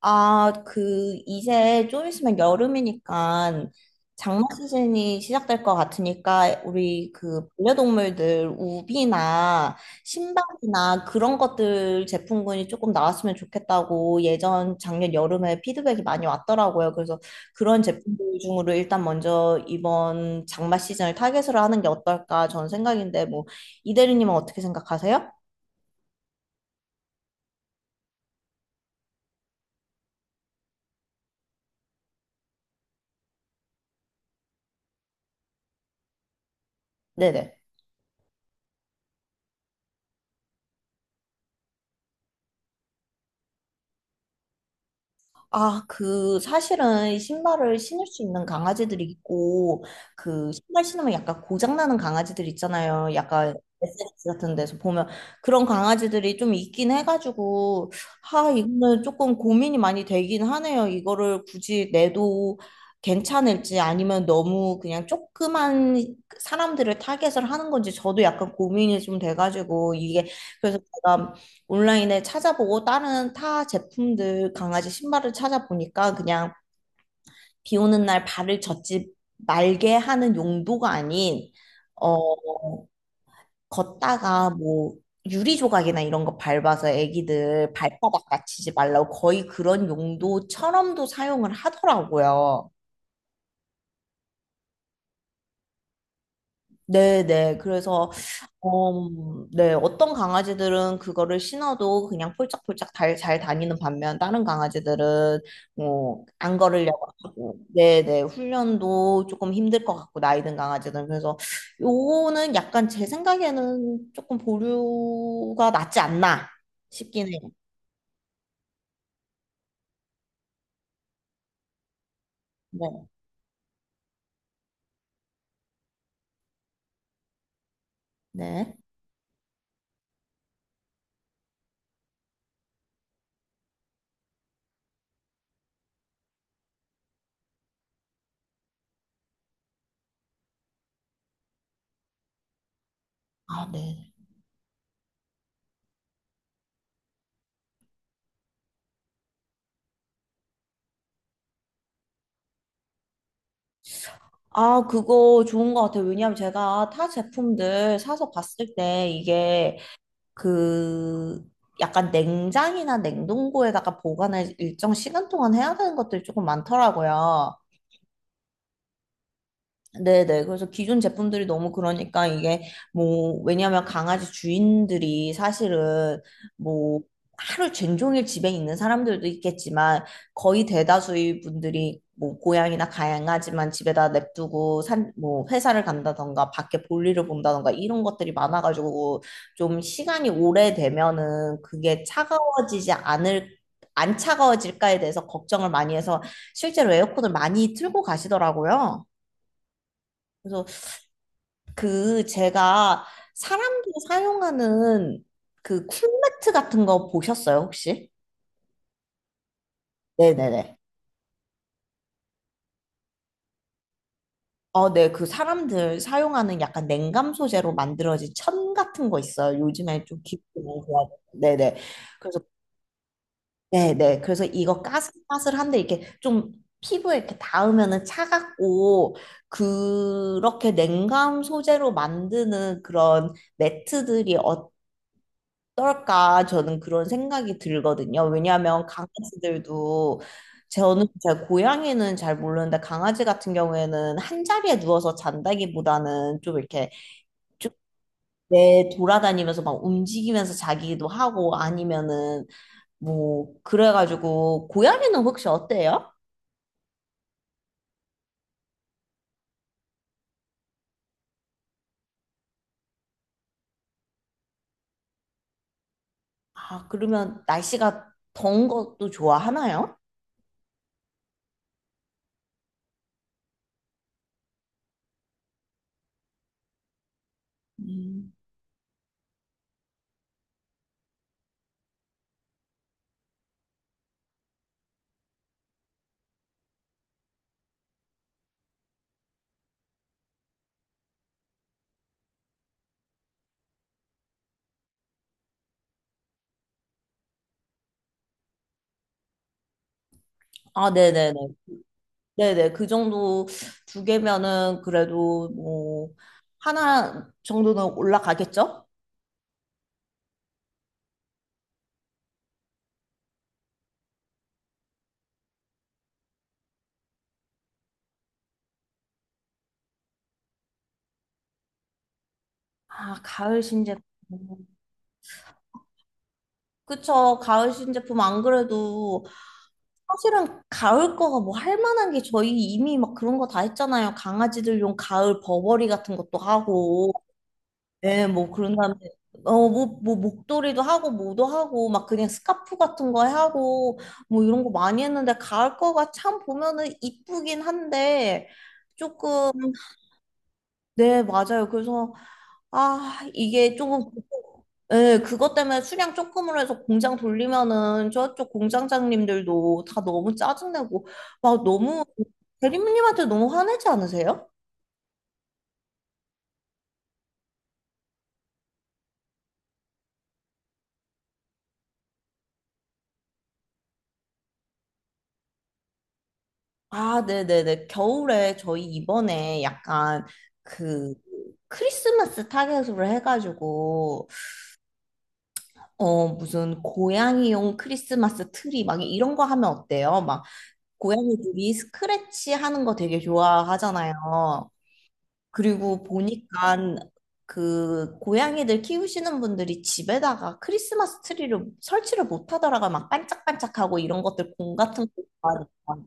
아, 그, 이제 좀 있으면 여름이니까 장마 시즌이 시작될 것 같으니까 우리 그 반려동물들 우비나 신발이나 그런 것들 제품군이 조금 나왔으면 좋겠다고 예전 작년 여름에 피드백이 많이 왔더라고요. 그래서 그런 제품들 중으로 일단 먼저 이번 장마 시즌을 타겟으로 하는 게 어떨까 전 생각인데 뭐 이 대리님은 어떻게 생각하세요? 네네. 아, 그, 사실은 신발을 신을 수 있는 강아지들이 있고, 그, 신발 신으면 약간 고장나는 강아지들 있잖아요. 약간 SNS 같은 데서 보면. 그런 강아지들이 좀 있긴 해가지고, 하, 이거는 조금 고민이 많이 되긴 하네요. 이거를 굳이 내도 괜찮을지 아니면 너무 그냥 조그만 사람들을 타겟을 하는 건지 저도 약간 고민이 좀 돼가지고, 이게, 그래서 제가 온라인에 찾아보고 다른 타 제품들 강아지 신발을 찾아보니까 그냥 비 오는 날 발을 젖지 말게 하는 용도가 아닌 어 걷다가 뭐 유리 조각이나 이런 거 밟아서 애기들 발바닥 다치지 말라고 거의 그런 용도처럼도 사용을 하더라고요. 네네. 그래서, 어, 네. 어떤 강아지들은 그거를 신어도 그냥 폴짝폴짝 잘 다니는 반면, 다른 강아지들은, 뭐, 안 걸으려고 하고, 네네. 훈련도 조금 힘들 것 같고, 나이 든 강아지들은. 그래서, 요거는 약간 제 생각에는 조금 보류가 낫지 않나 싶긴 해요. 네. 네. 아, 네. 아, 그거 좋은 것 같아요. 왜냐하면 제가 타 제품들 사서 봤을 때 이게 그 약간 냉장이나 냉동고에다가 보관을 일정 시간 동안 해야 되는 것들이 조금 많더라고요. 네네. 그래서 기존 제품들이 너무 그러니까 이게 뭐, 왜냐면 강아지 주인들이 사실은 뭐, 하루 종일 집에 있는 사람들도 있겠지만 거의 대다수의 분들이 뭐, 고양이나 강아지만 집에다 냅두고 산, 뭐, 회사를 간다던가 밖에 볼일을 본다던가 이런 것들이 많아가지고 좀 시간이 오래되면은 그게 차가워지지 않을 안 차가워질까에 대해서 걱정을 많이 해서 실제로 에어컨을 많이 틀고 가시더라고요. 그래서 그 제가 사람들이 사용하는 그 쿨매트 같은 거 보셨어요, 혹시? 네네네. 어, 네. 그 사람들 사용하는 약간 냉감 소재로 만들어진 천 같은 거 있어요. 요즘에 좀 기분이 좋아. 네네. 그래서, 네네. 그래서 이거 까슬까슬한데 이렇게 좀 피부에 이렇게 닿으면은 차갑고, 그렇게 냉감 소재로 만드는 그런 매트들이 떨까 저는 그런 생각이 들거든요. 왜냐하면 강아지들도 저는 제 고양이는 잘 모르는데 강아지 같은 경우에는 한 자리에 누워서 잔다기보다는 좀 이렇게 내 돌아다니면서 막 움직이면서 자기도 하고 아니면은 뭐 그래가지고 고양이는 혹시 어때요? 아 그러면 날씨가 더운 것도 좋아하나요? 음. 아 네네네. 네네, 그 정도 두 개면은 그래도 뭐, 하나 정도는 올라가겠죠? 아, 가을 신제품. 그쵸, 가을 신제품 안 그래도 사실은 가을 거가 뭐 할 만한 게 저희 이미 막 그런 거 다 했잖아요. 강아지들용 가을 버버리 같은 것도 하고. 네, 뭐 그런 다음에 뭐 목도리도 하고 뭐도 하고 막 그냥 스카프 같은 거 하고 뭐 이런 거 많이 했는데 가을 거가 참 보면은 이쁘긴 한데 조금 네, 맞아요. 그래서 아, 이게 조금 예, 그것 때문에 수량 조금으로 해서 공장 돌리면은 저쪽 공장장님들도 다 너무 짜증내고 막 너무 대리님한테 너무 화내지 않으세요? 아, 네네네. 겨울에 저희 이번에 약간 그 크리스마스 타겟으로 해가지고, 무슨 고양이용 크리스마스 트리 막 이런 거 하면 어때요? 막 고양이들이 스크래치 하는 거 되게 좋아하잖아요. 그리고 보니까 그 고양이들 키우시는 분들이 집에다가 크리스마스 트리를 설치를 못 하더라고요. 막 반짝반짝하고 이런 것들 공 같은 거 좋아하니까.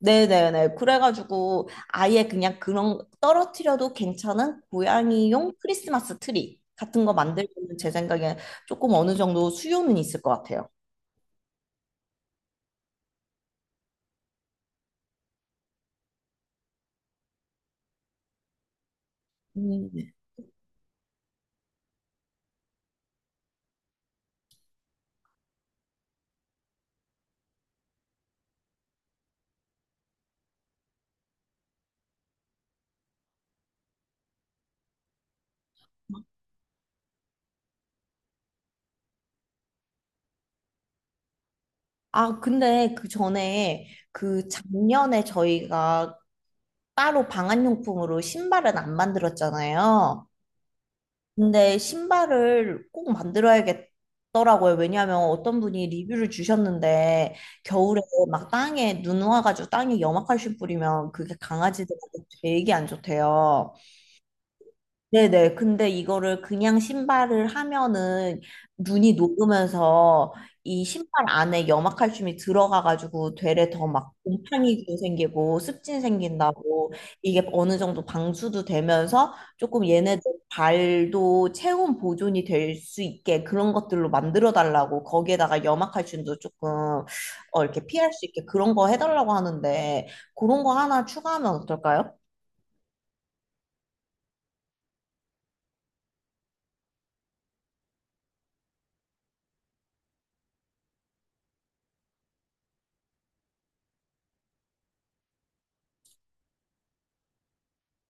네네네. 그래가지고 아예 그냥 그런 떨어뜨려도 괜찮은 고양이용 크리스마스 트리 같은 거 만들면 제 생각에 조금 어느 정도 수요는 있을 것 같아요. 음. 아, 근데 그 전에 그 작년에 저희가 따로 방한용품으로 신발은 안 만들었잖아요. 근데 신발을 꼭 만들어야겠더라고요. 왜냐하면 어떤 분이 리뷰를 주셨는데 겨울에 막 땅에 눈 와가지고 땅에 염화칼슘 뿌리면 그게 강아지들한테 되게 안 좋대요. 네네. 근데 이거를 그냥 신발을 하면은 눈이 녹으면서 이 신발 안에 염화칼슘이 들어가가지고 되레 더 막 곰팡이도 생기고 습진 생긴다고 이게 어느 정도 방수도 되면서 조금 얘네들 발도 체온 보존이 될 수 있게 그런 것들로 만들어 달라고 거기에다가 염화칼슘도 조금 이렇게 피할 수 있게 그런 거 해달라고 하는데 그런 거 하나 추가하면 어떨까요?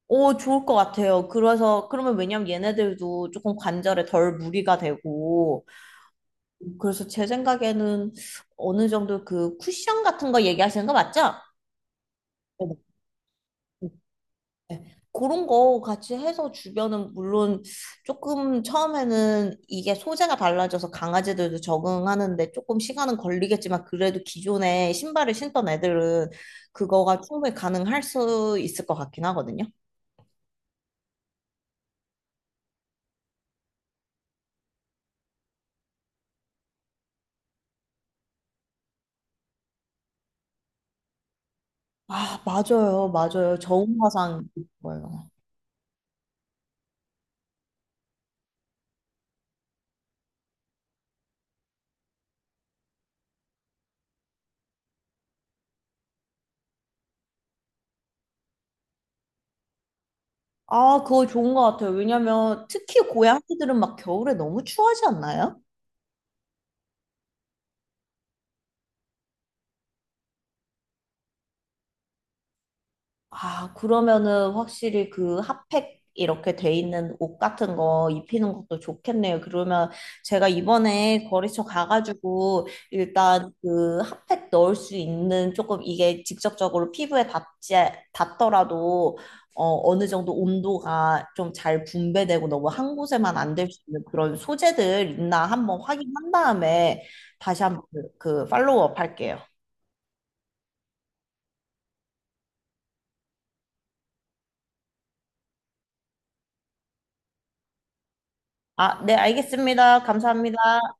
오, 좋을 것 같아요. 그래서, 그러면 왜냐면 얘네들도 조금 관절에 덜 무리가 되고, 그래서 제 생각에는 어느 정도 그 쿠션 같은 거 얘기하시는 거 맞죠? 네, 네. 네. 그런 거 같이 해서 주변은 물론 조금 처음에는 이게 소재가 달라져서 강아지들도 적응하는데 조금 시간은 걸리겠지만 그래도 기존에 신발을 신던 애들은 그거가 충분히 가능할 수 있을 것 같긴 하거든요. 아, 맞아요. 맞아요. 저온화상 거예요. 아, 그거 좋은 것 같아요. 왜냐면 특히 고양이들은 막 겨울에 너무 추하지 않나요? 아, 그러면은 확실히 그 핫팩 이렇게 돼 있는 옷 같은 거 입히는 것도 좋겠네요. 그러면 제가 이번에 거래처 가가지고 일단 그 핫팩 넣을 수 있는 조금 이게 직접적으로 피부에 닿지, 닿더라도 어느 정도 온도가 좀 잘 분배되고 너무 한 곳에만 안 될 수 있는 그런 소재들 있나 한번 확인한 다음에 다시 한번 그 팔로우업 할게요. 아, 네, 알겠습니다. 감사합니다.